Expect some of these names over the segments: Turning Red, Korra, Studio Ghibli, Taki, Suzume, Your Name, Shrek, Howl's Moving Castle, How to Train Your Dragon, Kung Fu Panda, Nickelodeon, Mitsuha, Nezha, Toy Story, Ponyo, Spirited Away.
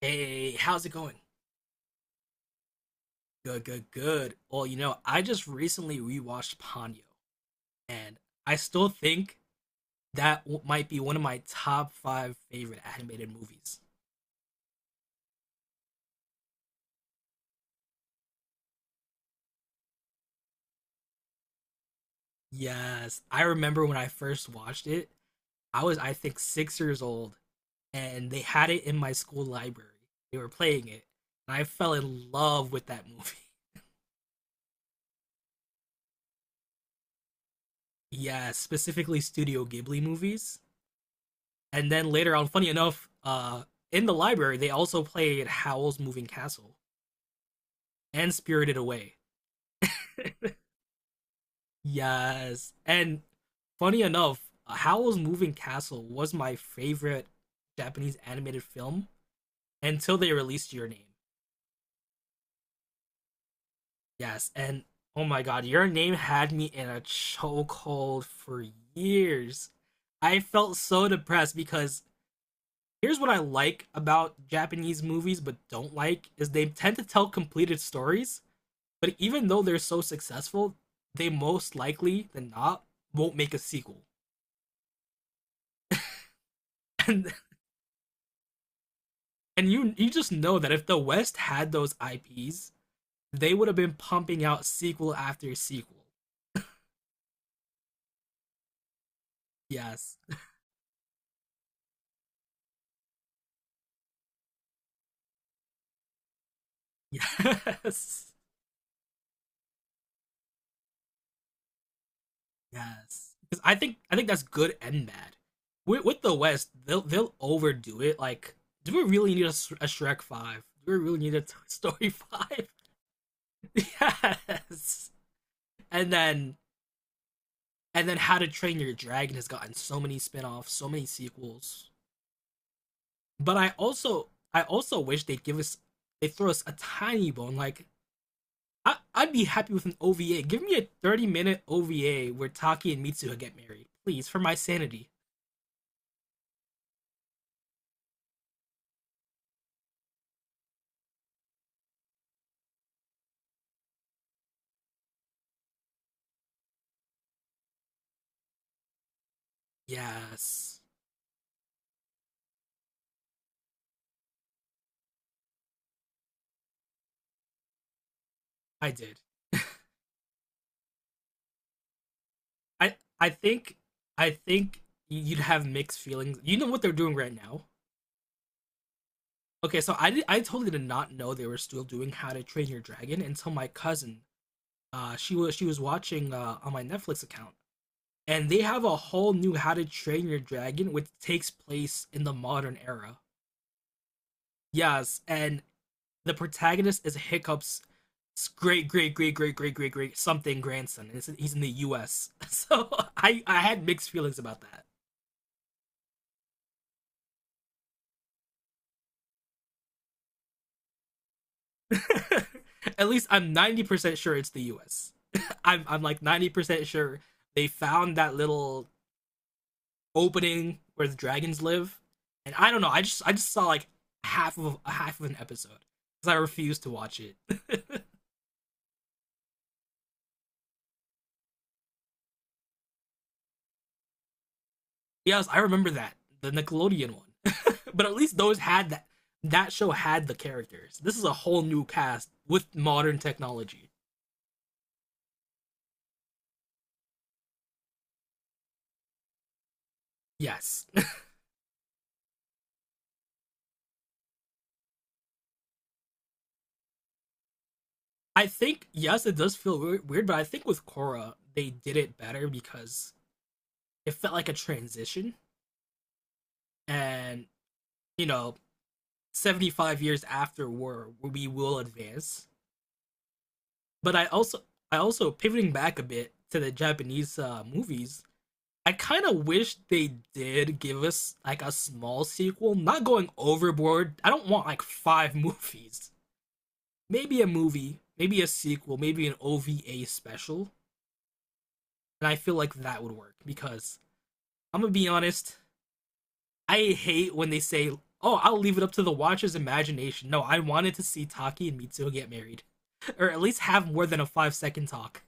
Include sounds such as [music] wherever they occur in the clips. Hey, how's it going? Good, good, good. Well, you know, I just recently rewatched Ponyo, and I still think that might be one of my top five favorite animated movies. Yes, I remember when I first watched it, I was, I think, 6 years old, and they had it in my school library. They were playing it, and I fell in love with that movie. [laughs] Yeah, specifically Studio Ghibli movies. And then later on, funny enough, in the library, they also played Howl's Moving Castle and Spirited Away. [laughs] Yes. And funny enough, Howl's Moving Castle was my favorite Japanese animated film until they released Your Name. Yes. And oh my god, Your Name had me in a chokehold for years. I felt so depressed because here's what I like about Japanese movies but don't like is they tend to tell completed stories, but even though they're so successful, they most likely than not won't make a sequel. [laughs] and, and you just know that if the West had those IPs, they would have been pumping out sequel after sequel. Yes, [laughs] yes, yes. Because I think that's good and bad. With the West, they'll overdo it. Like, do we really need a Shrek five? Do we really need a [laughs] Story five? Yes. And then and then How to Train Your Dragon has gotten so many spin-offs, so many sequels. But I also wish they'd give us they throw us a tiny bone. Like I'd be happy with an OVA. Give me a 30 minute OVA where Taki and Mitsuha get married, please, for my sanity. Yes, I did. I I think I think you'd have mixed feelings. You know what they're doing right now. Okay, so I did, I totally did not know they were still doing How to Train Your Dragon until my cousin. She was watching on my Netflix account, and they have a whole new How to Train Your Dragon, which takes place in the modern era. Yes, and the protagonist is Hiccup's great, great, great, great, great, great, great something grandson. And he's in the U.S., [laughs] so I had mixed feelings about that. [laughs] At least I'm 90% sure it's the U.S. [laughs] I'm like 90% sure they found that little opening where the dragons live, and I don't know. I just saw like half of an episode because I refused to watch it. Yes, I remember that, the Nickelodeon one. [laughs] But at least those had that. That show had the characters. This is a whole new cast with modern technology. Yes, [laughs] I think, yes, it does feel weird, but I think with Korra they did it better because it felt like a transition, and you know, 75 years after war, we will advance. But I also pivoting back a bit to the Japanese movies. I kind of wish they did give us like a small sequel, not going overboard. I don't want like five [laughs] movies. Maybe a movie, maybe a sequel, maybe an OVA special. And I feel like that would work because I'm going to be honest, I hate when they say, "Oh, I'll leave it up to the watcher's imagination." No, I wanted to see Taki and Mitsuo get married [laughs] or at least have more than a 5-second talk.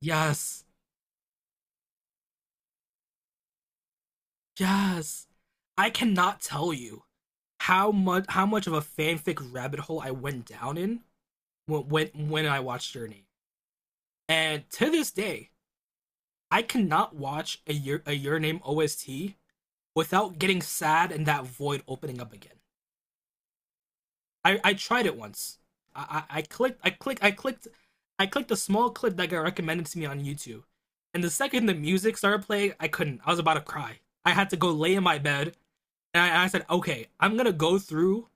Yes. Yes. I cannot tell you how much of a fanfic rabbit hole I went down in when I watched Your Name. And to this day, I cannot watch a Your Name OST without getting sad and that void opening up again. I tried it once. I, I, I clicked I clicked I clicked I clicked a small clip that got recommended to me on YouTube. And the second the music started playing, I couldn't. I was about to cry. I had to go lay in my bed and I said, okay, I'm gonna go through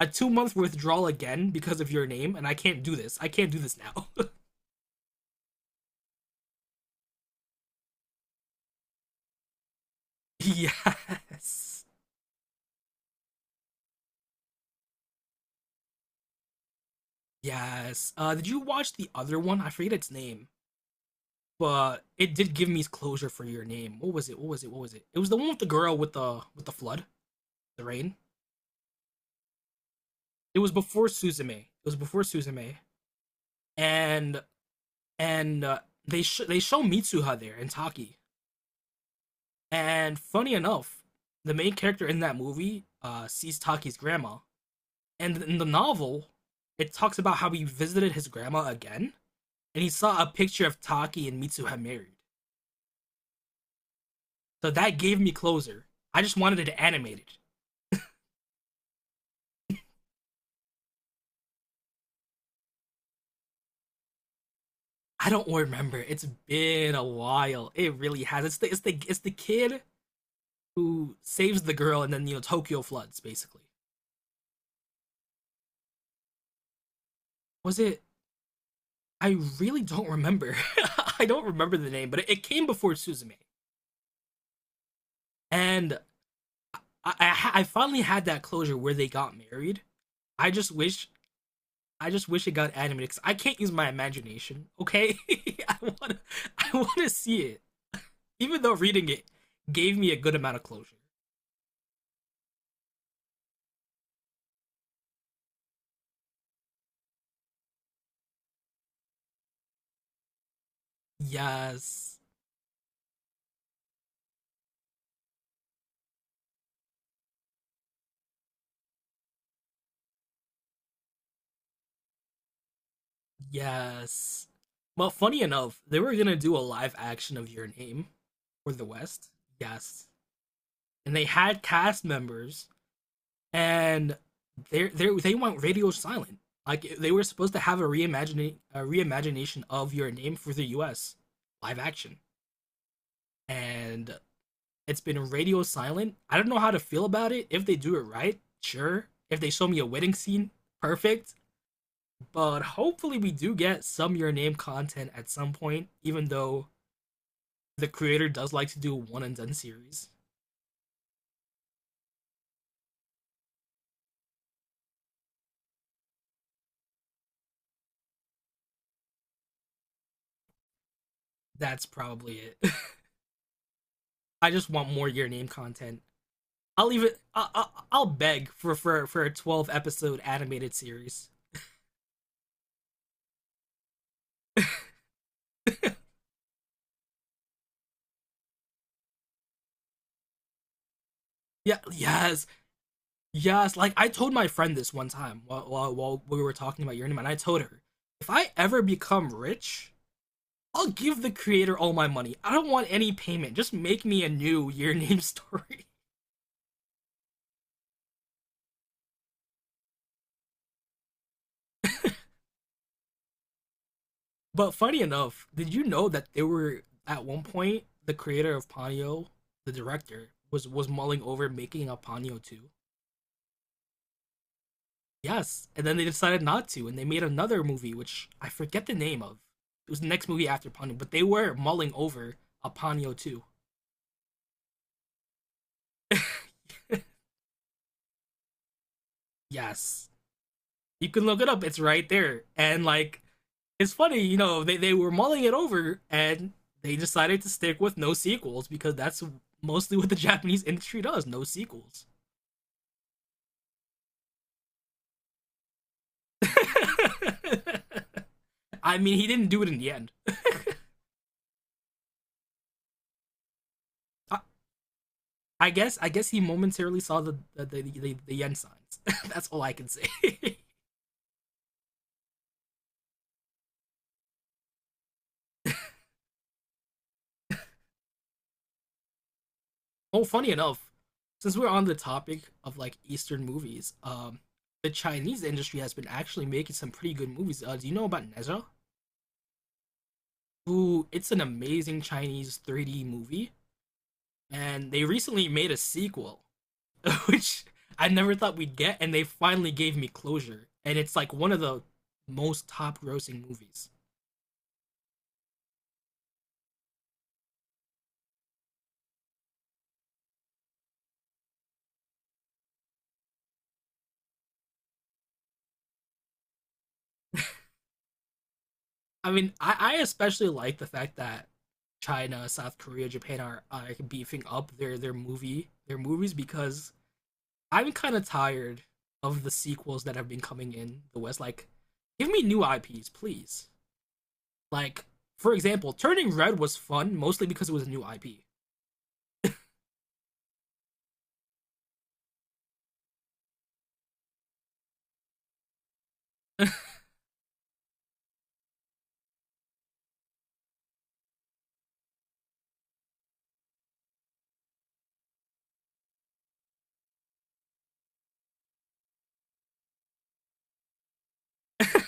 a 2 month withdrawal again because of your name, and I can't do this. I can't do this now. [laughs] Yes. Yes. Did you watch the other one? I forget its name, but it did give me closure for your name. What was it? It was the one with the girl with the flood, the rain. It was before Suzume, and and uh, they show Mitsuha there and Taki. And funny enough, the main character in that movie sees Taki's grandma. And in the novel, it talks about how he visited his grandma again and he saw a picture of Taki and Mitsuha married. So that gave me closure. I just wanted it animated. I don't remember. It's been a while. It really has. It's the kid who saves the girl and then you know Tokyo floods basically. Was it, I really don't remember. [laughs] I don't remember the name, but it came before Suzume. And I finally had that closure where they got married. I just wish I just wish it got animated because I can't use my imagination. Okay, [laughs] I want to, I want to see it. Even though reading it gave me a good amount of closure. Yes, yes. Well, funny enough, they were gonna do a live action of Your Name for the West. Yes, and they had cast members, and they went radio silent. Like they were supposed to have a reimagining a reimagination of Your Name for the U.S. live action, and it's been radio silent. I don't know how to feel about it. If they do it right, sure. If they show me a wedding scene, perfect. But hopefully, we do get some Your Name content at some point, even though the creator does like to do a one and done series. That's probably it. [laughs] I just want more Your Name content. I'll even I, I'll beg for a 12 episode animated series. Yeah, yes, yes. Like I told my friend this one time while we were talking about Your Name, and I told her if I ever become rich, I'll give the creator all my money. I don't want any payment. Just make me a new Your [laughs] Name story. But funny enough, did you know that they were at one point the creator of Ponyo, the director, was mulling over making a Ponyo 2? Yes, and then they decided not to, and they made another movie which I forget the name of. It was the next movie after Ponyo, but they were mulling over a Ponyo 2. Yes. You can look it up. It's right there. And like, it's funny, you know, they were mulling it over and they decided to stick with no sequels because that's mostly what the [laughs] Japanese industry does, no sequels. [laughs] I mean, he didn't do it in the end. I, I guess he momentarily saw the yen signs. [laughs] That's all I can say. [laughs] Oh, funny enough, since we're on the topic of like Eastern movies, the Chinese industry has been actually making some pretty good movies. Do you know about Nezha? Who, it's an amazing Chinese 3D movie, and they recently made a sequel, [laughs] which I never thought we'd get, and they finally gave me closure. And it's like one of the most top grossing movies. I mean, I especially like the fact that China, South Korea, Japan are beefing up their movies because I'm kind of tired of the sequels that have been coming in the West. Like, give me new IPs, please. Like, for example, Turning Red was fun mostly because it was a new IP.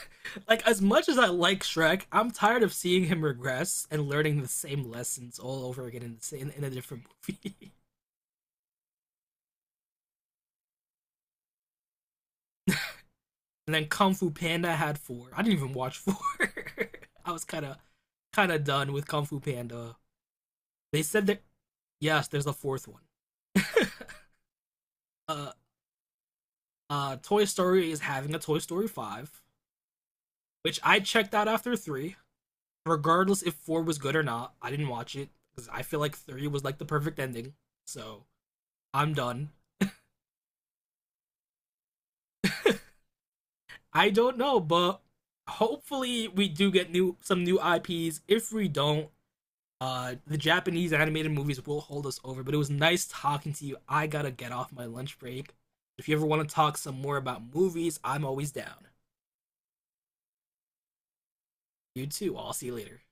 [laughs] Like, as much as I like Shrek, I'm tired of seeing him regress and learning the same lessons all over again in, the same, in a different movie. [laughs] And then Kung Fu Panda had four. I didn't even watch four. [laughs] I was kind of done with Kung Fu Panda. They said that yes, there's a fourth one. Uh, Toy Story is having a Toy Story five, which I checked out after three. Regardless if four was good or not, I didn't watch it because I feel like three was like the perfect ending. So I'm done. I don't know, but hopefully we do get new some new IPs. If we don't, the Japanese animated movies will hold us over. But it was nice talking to you. I gotta get off my lunch break. If you ever want to talk some more about movies, I'm always down. You too. I'll see you later.